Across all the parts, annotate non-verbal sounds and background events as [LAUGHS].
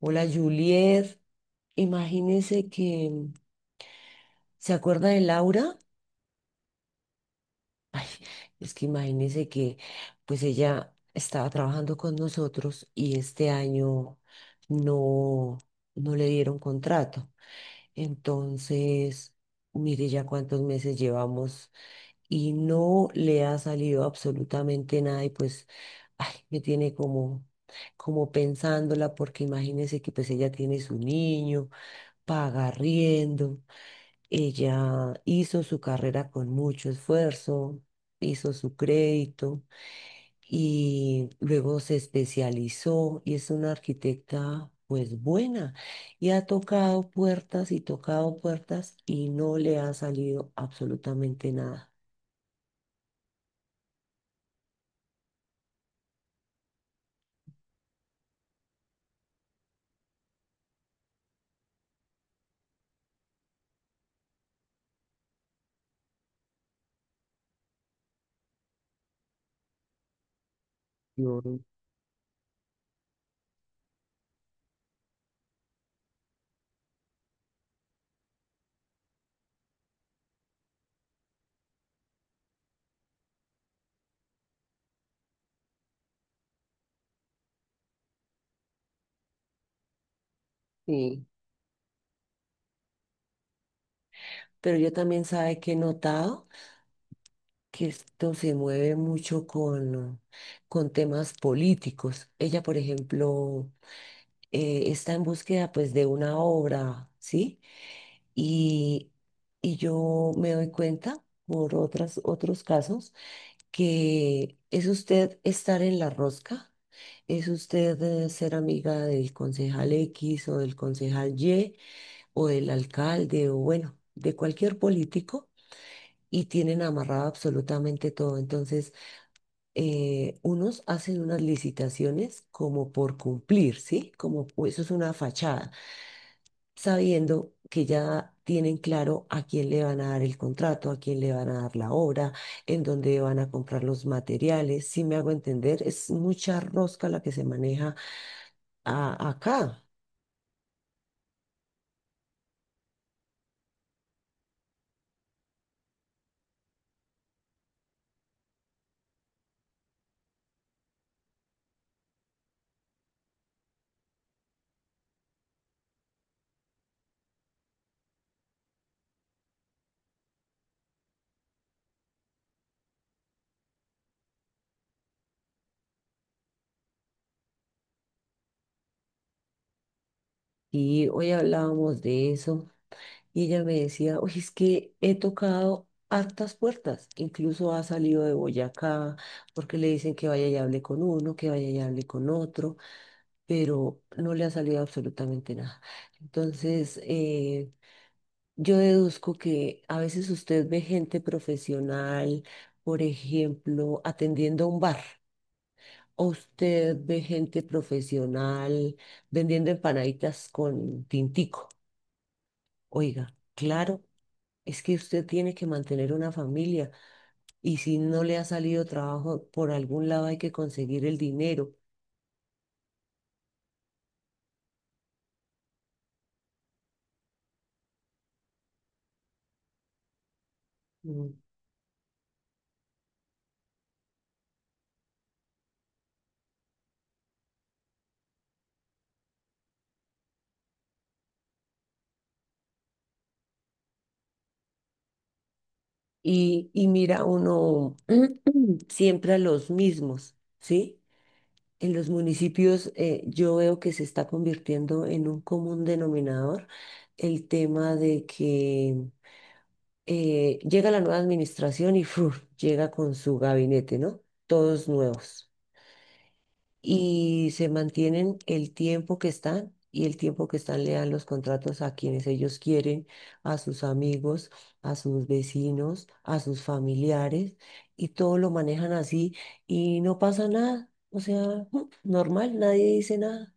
Hola, Juliet, imagínese que, ¿se acuerda de Laura? [LAUGHS] Ay, es que imagínese que pues ella estaba trabajando con nosotros y este año no, no le dieron contrato. Entonces, mire ya cuántos meses llevamos y no le ha salido absolutamente nada y pues, ay, me tiene como pensándola porque imagínese que pues ella tiene su niño, paga riendo. Ella hizo su carrera con mucho esfuerzo, hizo su crédito y luego se especializó y es una arquitecta pues buena, y ha tocado puertas y no le ha salido absolutamente nada. Yo- sí. Pero yo también sabe que he notado que esto se mueve mucho con temas políticos. Ella, por ejemplo, está en búsqueda pues de una obra, ¿sí? Y, y yo me doy cuenta por otras, otros casos, que es usted estar en la rosca, es usted ser amiga del concejal X o del concejal Y, o del alcalde, o bueno, de cualquier político. Y tienen amarrado absolutamente todo. Entonces, unos hacen unas licitaciones como por cumplir, ¿sí? Como pues, eso es una fachada, sabiendo que ya tienen claro a quién le van a dar el contrato, a quién le van a dar la obra, en dónde van a comprar los materiales. Si me hago entender, es mucha rosca la que se maneja acá. Y hoy hablábamos de eso y ella me decía, oye, es que he tocado hartas puertas, incluso ha salido de Boyacá porque le dicen que vaya y hable con uno, que vaya y hable con otro, pero no le ha salido absolutamente nada. Entonces, yo deduzco que a veces usted ve gente profesional, por ejemplo, atendiendo un bar, o usted ve gente profesional vendiendo empanaditas con tintico. Oiga, claro, es que usted tiene que mantener una familia y si no le ha salido trabajo, por algún lado hay que conseguir el dinero. Mm. Y mira uno [CLEARS THROAT] siempre a los mismos, ¿sí? En los municipios, yo veo que se está convirtiendo en un común denominador el tema de que llega la nueva administración y ¡fuf!, llega con su gabinete, ¿no? Todos nuevos, y se mantienen el tiempo que están, y el tiempo que están le dan los contratos a quienes ellos quieren, a sus amigos, a sus vecinos, a sus familiares, y todo lo manejan así y no pasa nada. O sea, normal, nadie dice nada.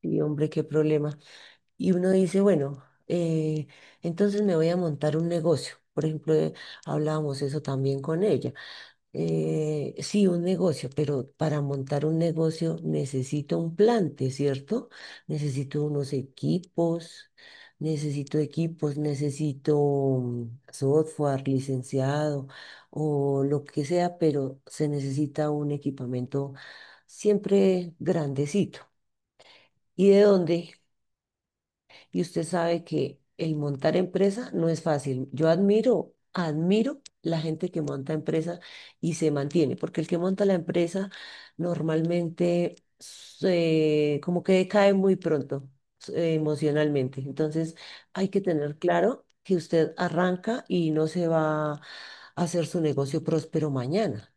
Y hombre, qué problema. Y uno dice, bueno, entonces me voy a montar un negocio. Por ejemplo, hablábamos eso también con ella. Sí, un negocio, pero para montar un negocio necesito un plante, ¿cierto? Necesito unos equipos, necesito software licenciado o lo que sea, pero se necesita un equipamiento siempre grandecito. ¿Y de dónde? Y usted sabe que el montar empresa no es fácil. Yo admiro, admiro la gente que monta empresa y se mantiene, porque el que monta la empresa normalmente como que cae muy pronto emocionalmente. Entonces hay que tener claro que usted arranca y no se va a hacer su negocio próspero mañana.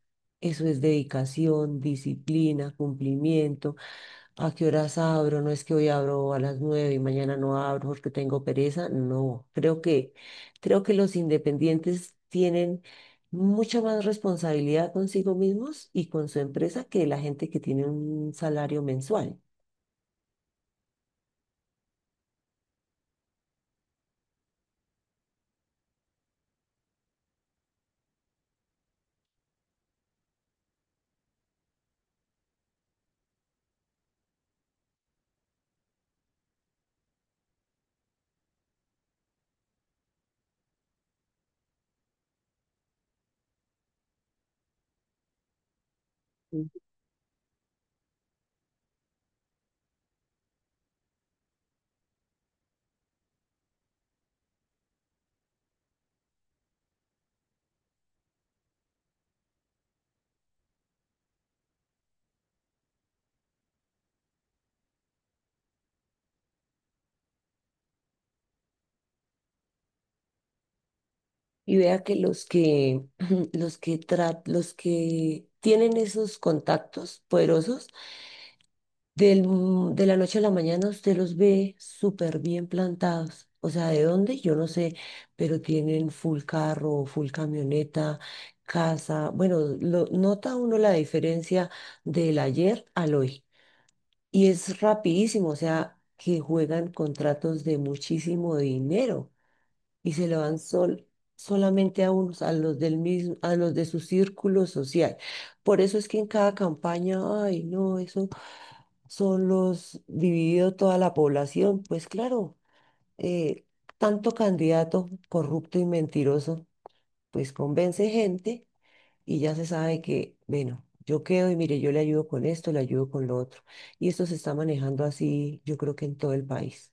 Eso es dedicación, disciplina, cumplimiento. ¿A qué horas abro? No es que hoy abro a las 9 y mañana no abro porque tengo pereza. No, creo que los independientes tienen mucha más responsabilidad consigo mismos y con su empresa que la gente que tiene un salario mensual. Ujú. Y vea que [CLEARS THROAT] los que tienen esos contactos poderosos, de la noche a la mañana usted los ve súper bien plantados. O sea, ¿de dónde? Yo no sé, pero tienen full carro, full camioneta, casa. Bueno, nota uno la diferencia del ayer al hoy. Y es rapidísimo, o sea, que juegan contratos de muchísimo dinero y se lo dan solamente a unos, a los del mismo, a los de su círculo social. Por eso es que en cada campaña, ay, no, eso son los dividido toda la población, pues claro, eh, tanto candidato corrupto y mentiroso, pues convence gente y ya se sabe que, bueno, yo quedo y mire, yo le ayudo con esto, le ayudo con lo otro. Y esto se está manejando así, yo creo que en todo el país.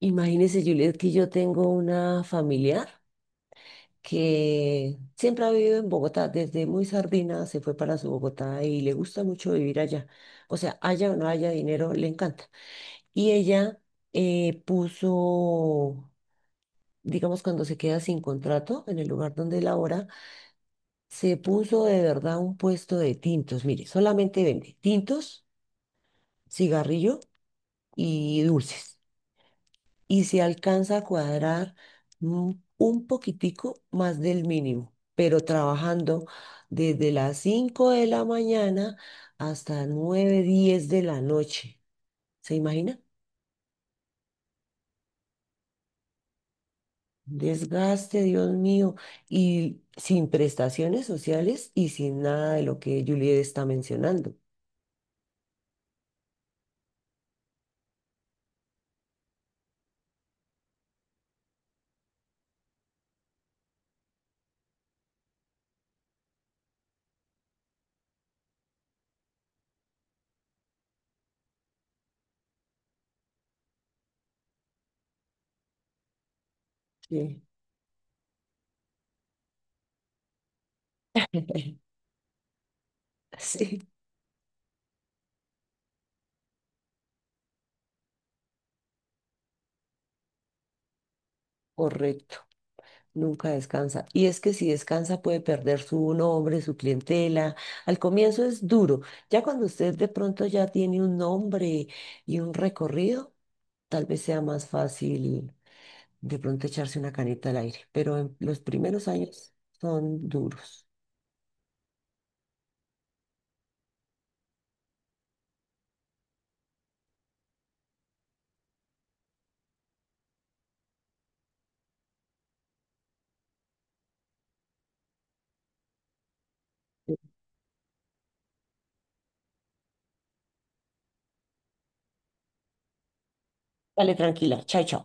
Imagínese, Juliet, que yo tengo una familiar que siempre ha vivido en Bogotá, desde muy sardina se fue para su Bogotá y le gusta mucho vivir allá. O sea, haya o no haya dinero, le encanta. Y ella puso, digamos, cuando se queda sin contrato en el lugar donde labora, se puso de verdad un puesto de tintos. Mire, solamente vende tintos, cigarrillo y dulces. Y se alcanza a cuadrar mm, un poquitico más del mínimo, pero trabajando desde las 5 de la mañana hasta 9 o 10 de la noche. ¿Se imagina? Desgaste, Dios mío, y sin prestaciones sociales y sin nada de lo que Juliet está mencionando. Sí. [LAUGHS] Sí, correcto. Nunca descansa. Y es que si descansa puede perder su nombre, su clientela. Al comienzo es duro. Ya cuando usted de pronto ya tiene un nombre y un recorrido, tal vez sea más fácil de pronto echarse una canita al aire. Pero en los primeros años son duros. Dale, tranquila. Chao, chao.